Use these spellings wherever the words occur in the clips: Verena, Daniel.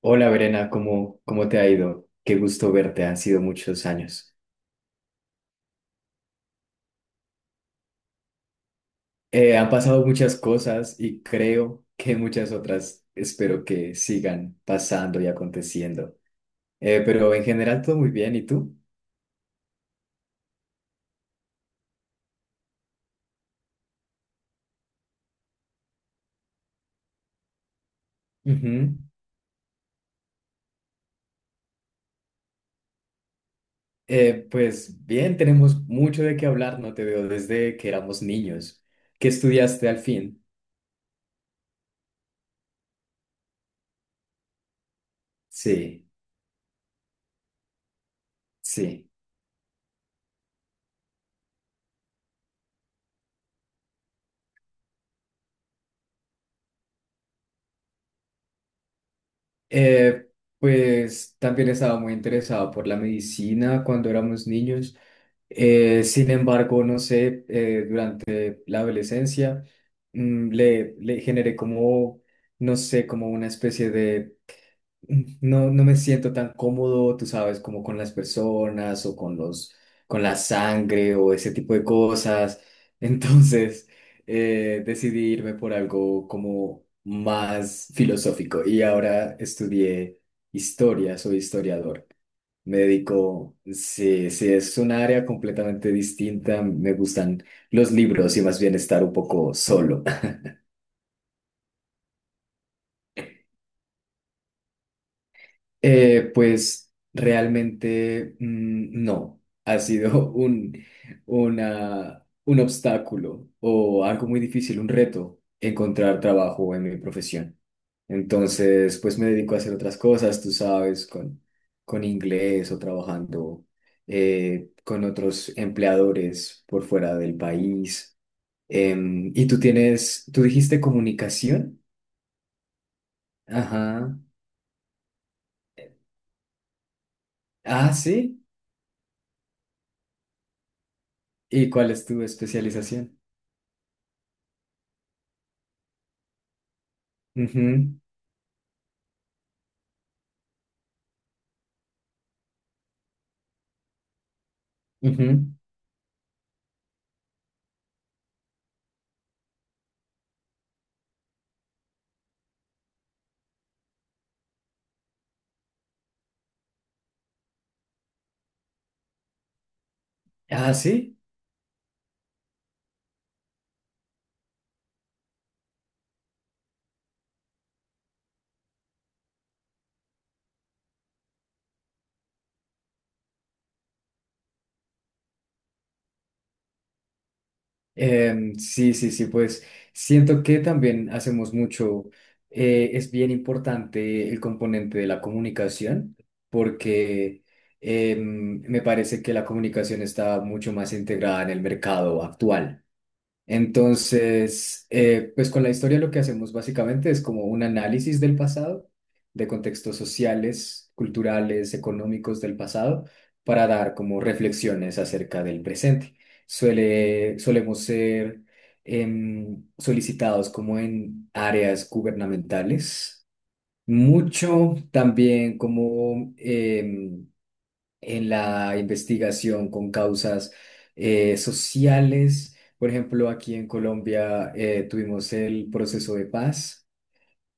Hola, Verena, ¿Cómo te ha ido? Qué gusto verte, han sido muchos años. Han pasado muchas cosas y creo que muchas otras espero que sigan pasando y aconteciendo. Pero en general todo muy bien, ¿y tú? Ujú. Pues bien, tenemos mucho de qué hablar, no te veo desde que éramos niños. ¿Qué estudiaste al fin? Sí, sí. Eh, pues también estaba muy interesado por la medicina cuando éramos niños. Sin embargo, no sé, durante la adolescencia le generé como, no sé, como una especie de no me siento tan cómodo, tú sabes, como con las personas o con los, con la sangre o ese tipo de cosas. Entonces, decidí irme por algo como más filosófico y ahora estudié historia, soy historiador. Me dedico, sí, sí, es un área completamente distinta. Me gustan los libros y más bien estar un poco solo. Pues realmente no, ha sido un obstáculo o algo muy difícil, un reto encontrar trabajo en mi profesión. Entonces, pues me dedico a hacer otras cosas, tú sabes, con inglés o trabajando con otros empleadores por fuera del país. Tú dijiste comunicación. Ajá. Ah, sí. ¿Y cuál es tu especialización? Ujú, ujú. Ah, sí. Sí, sí, sí, pues siento que también hacemos mucho, es bien importante el componente de la comunicación, porque me parece que la comunicación está mucho más integrada en el mercado actual. Entonces, pues con la historia lo que hacemos básicamente es como un análisis del pasado, de contextos sociales, culturales, económicos del pasado, para dar como reflexiones acerca del presente. Solemos ser solicitados como en áreas gubernamentales, mucho también como en la investigación con causas sociales. Por ejemplo, aquí en Colombia tuvimos el proceso de paz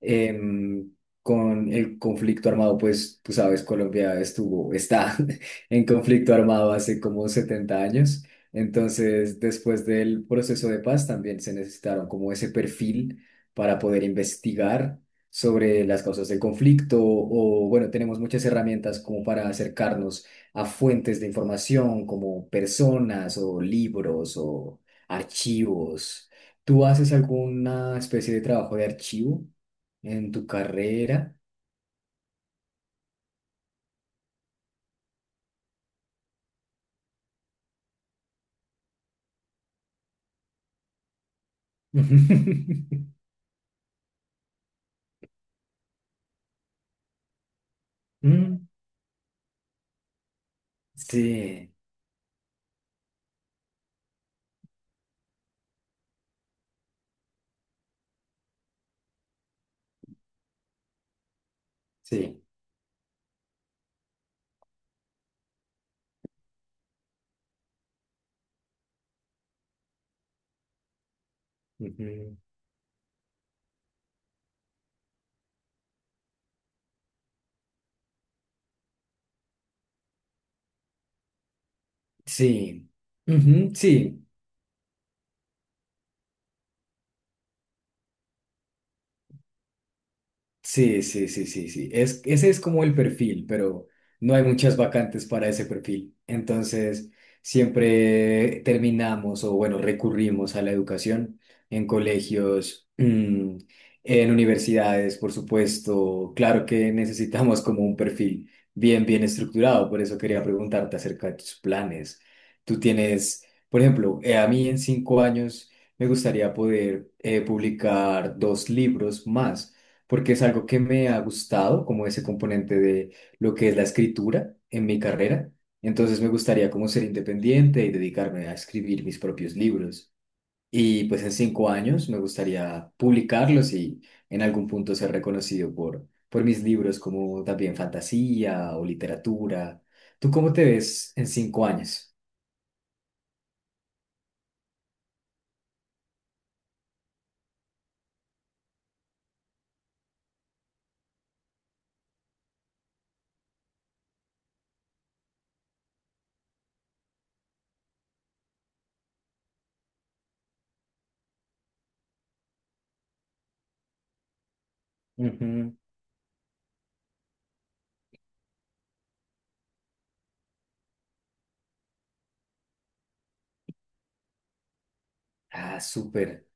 em, con el conflicto armado, pues tú sabes, está en conflicto armado hace como 70 años. Entonces, después del proceso de paz, también se necesitaron como ese perfil para poder investigar sobre las causas del conflicto o, bueno, tenemos muchas herramientas como para acercarnos a fuentes de información como personas o libros o archivos. ¿Tú haces alguna especie de trabajo de archivo en tu carrera? Mm, sí, sí, ujú, sí, ujú, sí. Sí, sí, sí, sí, sí. Ese es como el perfil, pero no hay muchas vacantes para ese perfil. Entonces, siempre terminamos o, bueno, recurrimos a la educación en colegios, en universidades, por supuesto. Claro que necesitamos como un perfil bien estructurado. Por eso quería preguntarte acerca de tus planes. Tú tienes, por ejemplo, a mí en 5 años me gustaría poder publicar dos libros más porque es algo que me ha gustado, como ese componente de lo que es la escritura en mi carrera. Entonces me gustaría como ser independiente y dedicarme a escribir mis propios libros. Y pues en 5 años me gustaría publicarlos y en algún punto ser reconocido por mis libros como también fantasía o literatura. ¿Tú cómo te ves en 5 años? Ujú. Ah, súper.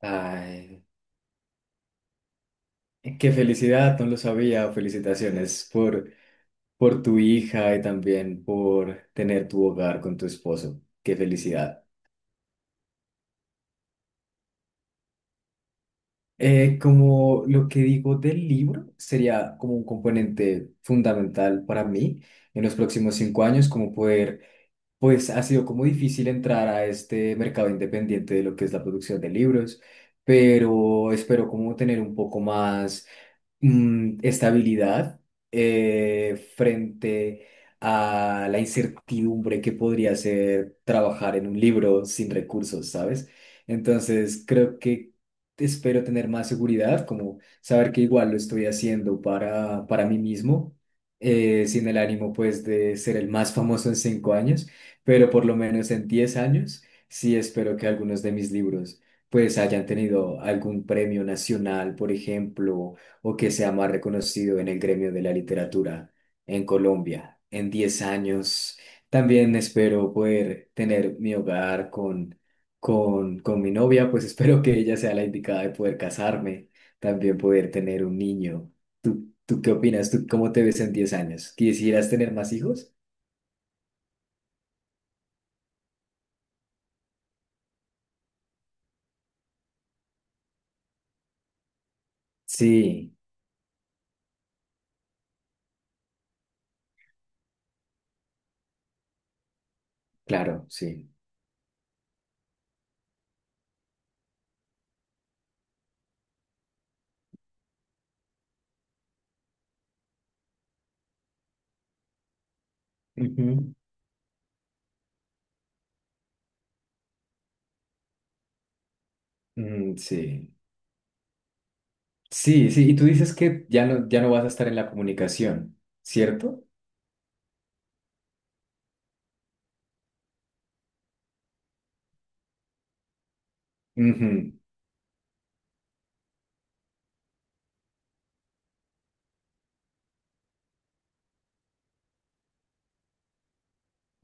Ay, qué felicidad, no lo sabía. Felicitaciones por tu hija y también por tener tu hogar con tu esposo. Qué felicidad. Como lo que digo del libro sería como un componente fundamental para mí en los próximos 5 años, como poder, pues ha sido como difícil entrar a este mercado independiente de lo que es la producción de libros, pero espero como tener un poco más estabilidad frente a la incertidumbre que podría ser trabajar en un libro sin recursos, ¿sabes? Entonces, creo que espero tener más seguridad, como saber que igual lo estoy haciendo para mí mismo, sin el ánimo pues de ser el más famoso en 5 años, pero por lo menos en 10 años, sí espero que algunos de mis libros pues hayan tenido algún premio nacional, por ejemplo, o que sea más reconocido en el gremio de la literatura en Colombia en 10 años. También espero poder tener mi hogar con mi novia, pues espero que ella sea la indicada de poder casarme, también poder tener un niño. ¿Tú qué opinas? ¿Tú cómo te ves en 10 años? ¿Quisieras tener más hijos? Sí, claro, sí. Ujú. Mm, sí. Sí, sí, y tú dices que ya no vas a estar en la comunicación, ¿cierto? Ujú.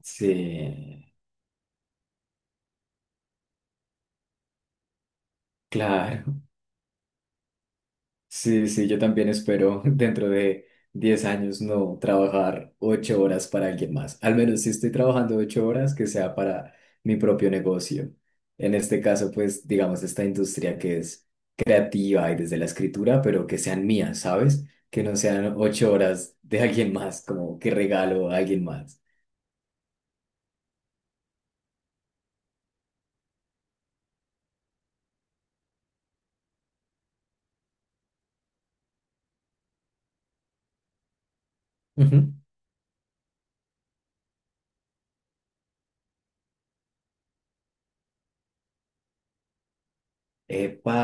Sí, claro. Sí, sí, yo también espero dentro de 10 años no trabajar 8 horas para alguien más. Al menos si estoy trabajando 8 horas, que sea para mi propio negocio. En este caso, pues, digamos, esta industria que es creativa y desde la escritura, pero que sean mías, ¿sabes? Que no sean 8 horas de alguien más, como que regalo a alguien más. Ujú. Epa.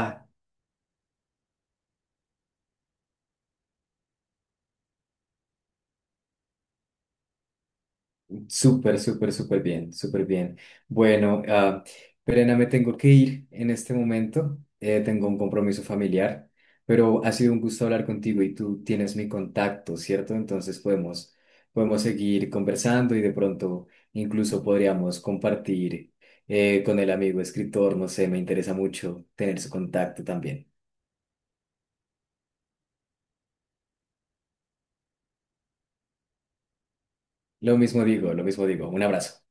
Súper, súper, súper bien, súper bien. Bueno, ah, Perena, me tengo que ir en este momento. Tengo un compromiso familiar, pero ha sido un gusto hablar contigo y tú tienes mi contacto, ¿cierto? Entonces podemos seguir conversando y de pronto incluso podríamos compartir con el amigo escritor, no sé, me interesa mucho tener su contacto también. Lo mismo digo, lo mismo digo. Un abrazo.